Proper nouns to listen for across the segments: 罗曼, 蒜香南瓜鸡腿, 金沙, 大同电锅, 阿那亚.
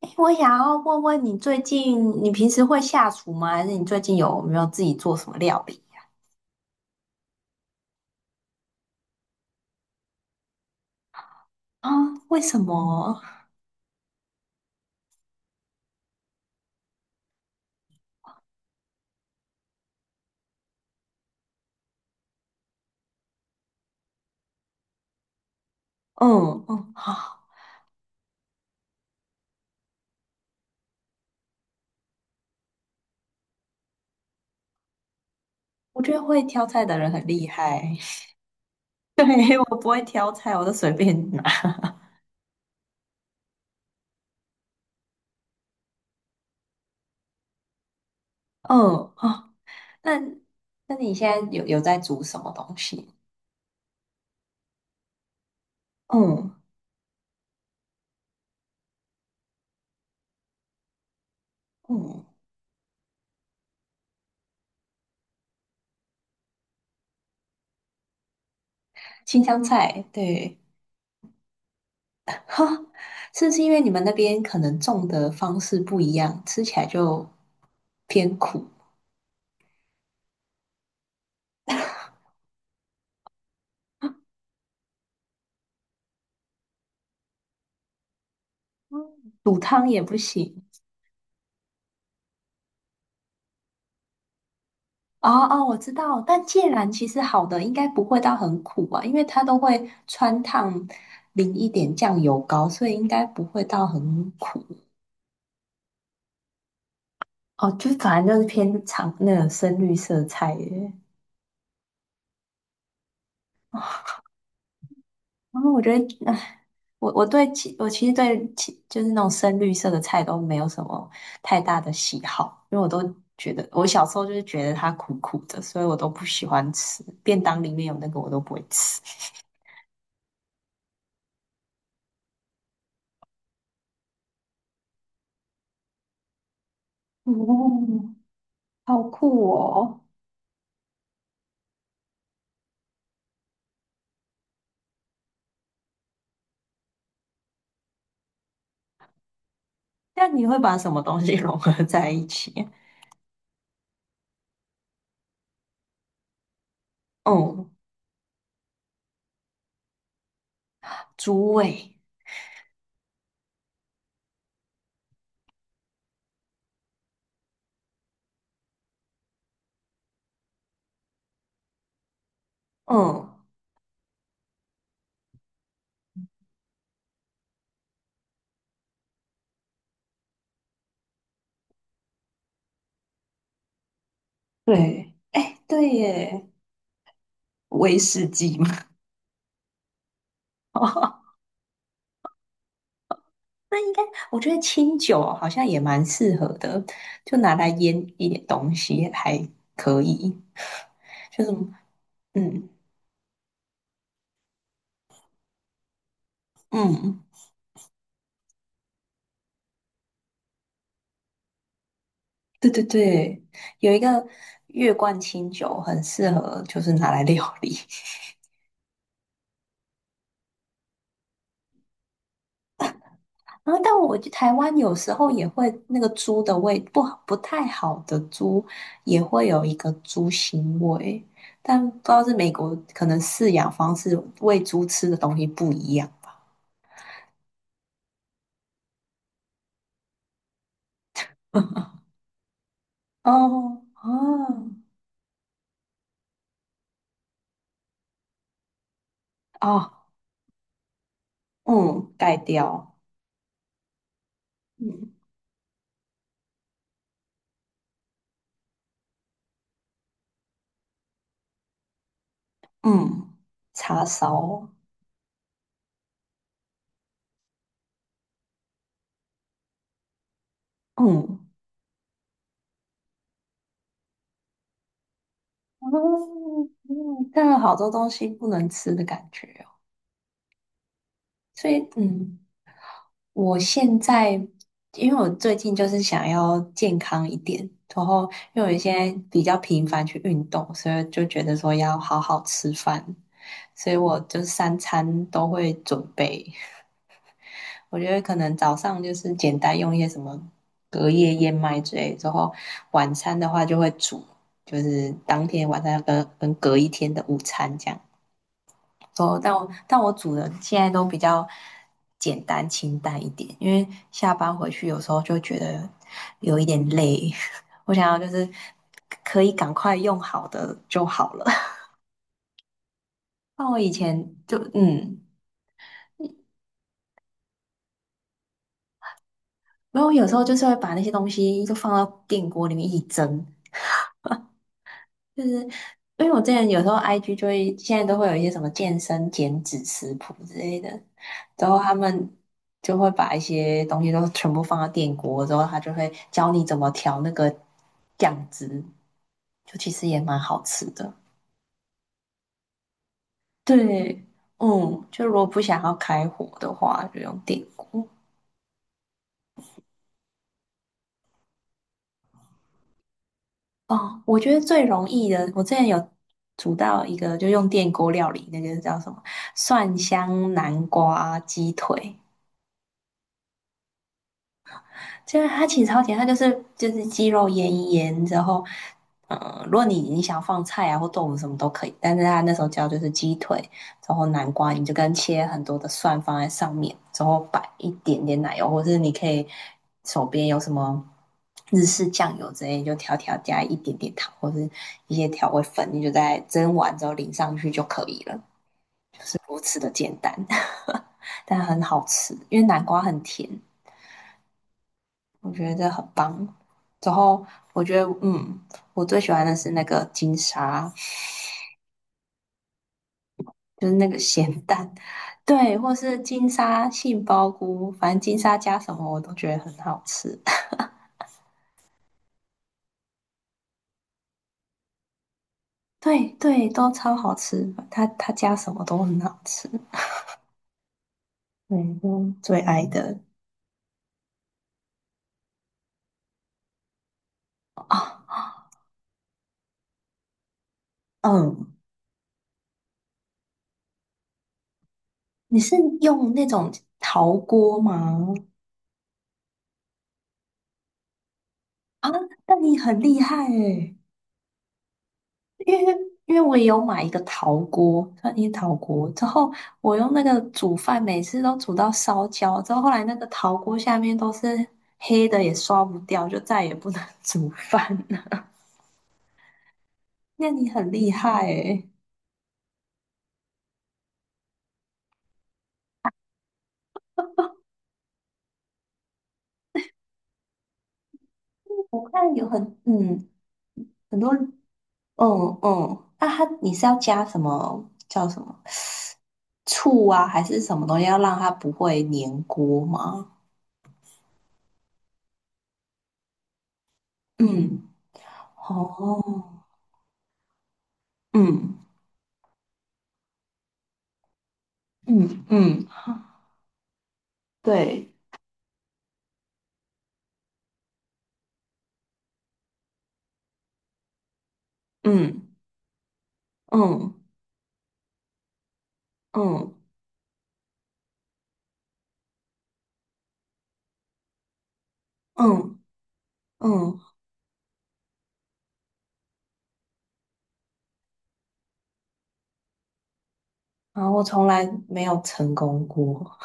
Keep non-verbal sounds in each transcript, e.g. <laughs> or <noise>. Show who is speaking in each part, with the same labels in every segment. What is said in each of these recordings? Speaker 1: 诶我想要问问你，最近你平时会下厨吗？还是你最近有没有自己做什么料理啊？为什么？嗯嗯，好，我觉得会挑菜的人很厉害。<laughs> 对，我不会挑菜，我都随便拿。嗯啊，那那你现在有在煮什么东西？嗯嗯，新香菜，对，是不是因为你们那边可能种的方式不一样，吃起来就偏苦？嗯，煮汤也不行。哦哦，我知道，但芥蓝其实好的应该不会到很苦啊，因为它都会穿烫淋一点酱油膏，所以应该不会到很苦。哦，就是反正就是偏长那个深绿色菜耶。然后我觉得，我其实就是那种深绿色的菜都没有什么太大的喜好，因为我都觉得我小时候就是觉得它苦苦的，所以我都不喜欢吃。便当里面有那个我都不会吃。哦，好酷哦！那你会把什么东西 <laughs> 融合在一起？嗯，猪味。嗯，对，哎，对耶，威士忌嘛。<laughs> 那应该，我觉得清酒好像也蛮适合的，就拿来腌一点东西还可以。就是嗯嗯，对对对，有一个月冠清酒很适合，就是拿来料理。然后，但我去台湾有时候也会那个猪的味不好，不太好的猪也会有一个猪腥味，但不知道是美国可能饲养方式喂猪吃的东西不一样。哦哦哦，嗯，盖掉，嗯嗯，叉烧，嗯嗯嗯，但有好多东西不能吃的感觉哦，所以嗯。我现在，因为我最近就是想要健康一点，然后因为我现在比较频繁去运动，所以就觉得说要好好吃饭，所以我就三餐都会准备。我觉得可能早上就是简单用一些什么隔夜燕麦之类，之后晚餐的话就会煮，就是当天晚上要跟隔一天的午餐这样。哦，但我煮的现在都比较简单清淡一点，因为下班回去有时候就觉得有一点累，<laughs> 我想要就是可以赶快用好的就好了。<laughs> 那我以前就嗯，没有，有时候就是会把那些东西就放到电锅里面一起蒸，就是因为我之前有时候 IG 就会现在都会有一些什么健身减脂食谱之类的，然后他们就会把一些东西都全部放到电锅，之后他就会教你怎么调那个酱汁，就其实也蛮好吃的。对，嗯，就如果不想要开火的话，就用电锅。哦，我觉得最容易的，我之前有煮到一个，就用电锅料理，那个叫什么蒜香南瓜鸡腿，就是它其实超甜，它就是鸡肉腌一腌，之后，嗯，如果你想放菜啊或豆腐什么都可以，但是它那时候教就是鸡腿，然后南瓜，你就跟切很多的蒜放在上面，然后摆一点点奶油，或是你可以手边有什么日式酱油之类，你就调加一点点糖或是一些调味粉，你就在蒸完之后淋上去就可以了，是如此的简单，<laughs> 但很好吃，因为南瓜很甜。我觉得这很棒。之后我觉得，嗯，我最喜欢的是那个金沙，就是那个咸蛋，对，或是金沙杏鲍菇，反正金沙加什么我都觉得很好吃。<laughs> 对对，都超好吃，它加什么都很好吃。对，就最爱的啊，嗯，你是用那种陶锅吗？啊，那你很厉害诶。因为因为我也有买一个陶锅，算一陶锅，之后我用那个煮饭，每次都煮到烧焦，之后后来那个陶锅下面都是黑的，也刷不掉，就再也不能 <laughs> 煮饭了。那你很厉害诶，我看有很嗯很多嗯嗯，那它你是要加什么叫什么醋啊，还是什么东西要让它不会粘锅吗？嗯，哦，嗯嗯嗯，对，嗯。嗯嗯嗯嗯，然后我从来没有成功过。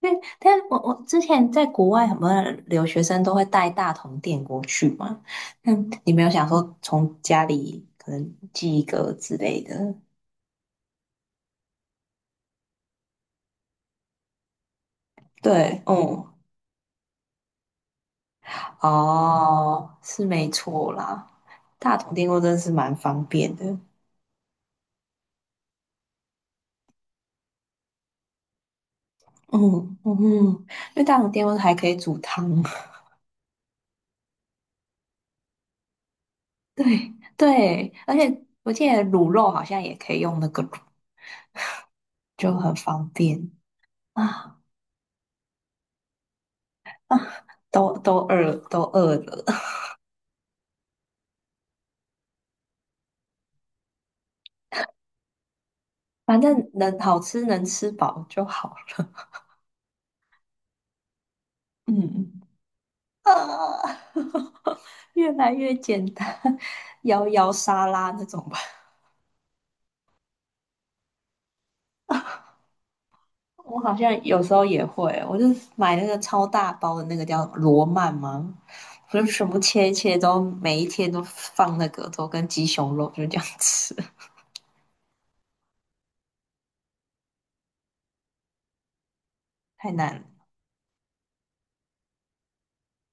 Speaker 1: 因为我之前在国外，很多留学生都会带大同电锅去嘛。那你没有想说从家里可能寄一个之类的？对，嗯，<laughs> 哦，是没错啦。大同电锅真的是蛮方便的。嗯嗯，因为大同电锅还可以煮汤。<laughs> 对对，而且我记得卤肉好像也可以用那个卤就很方便啊，都饿了，<laughs> 反正能好吃能吃饱就好了。嗯，啊，<laughs> 越来越简单，<laughs> 摇摇沙拉那种吧。<laughs> 我好像有时候也会，我就买那个超大包的那个叫罗曼吗？我就全部切一切都，每一天都放那个，都跟鸡胸肉就这样吃，<laughs> 太难了。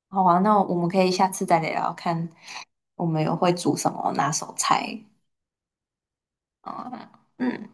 Speaker 1: 好啊，那我们可以下次再聊聊看，我们有会煮什么拿手菜。哦，嗯，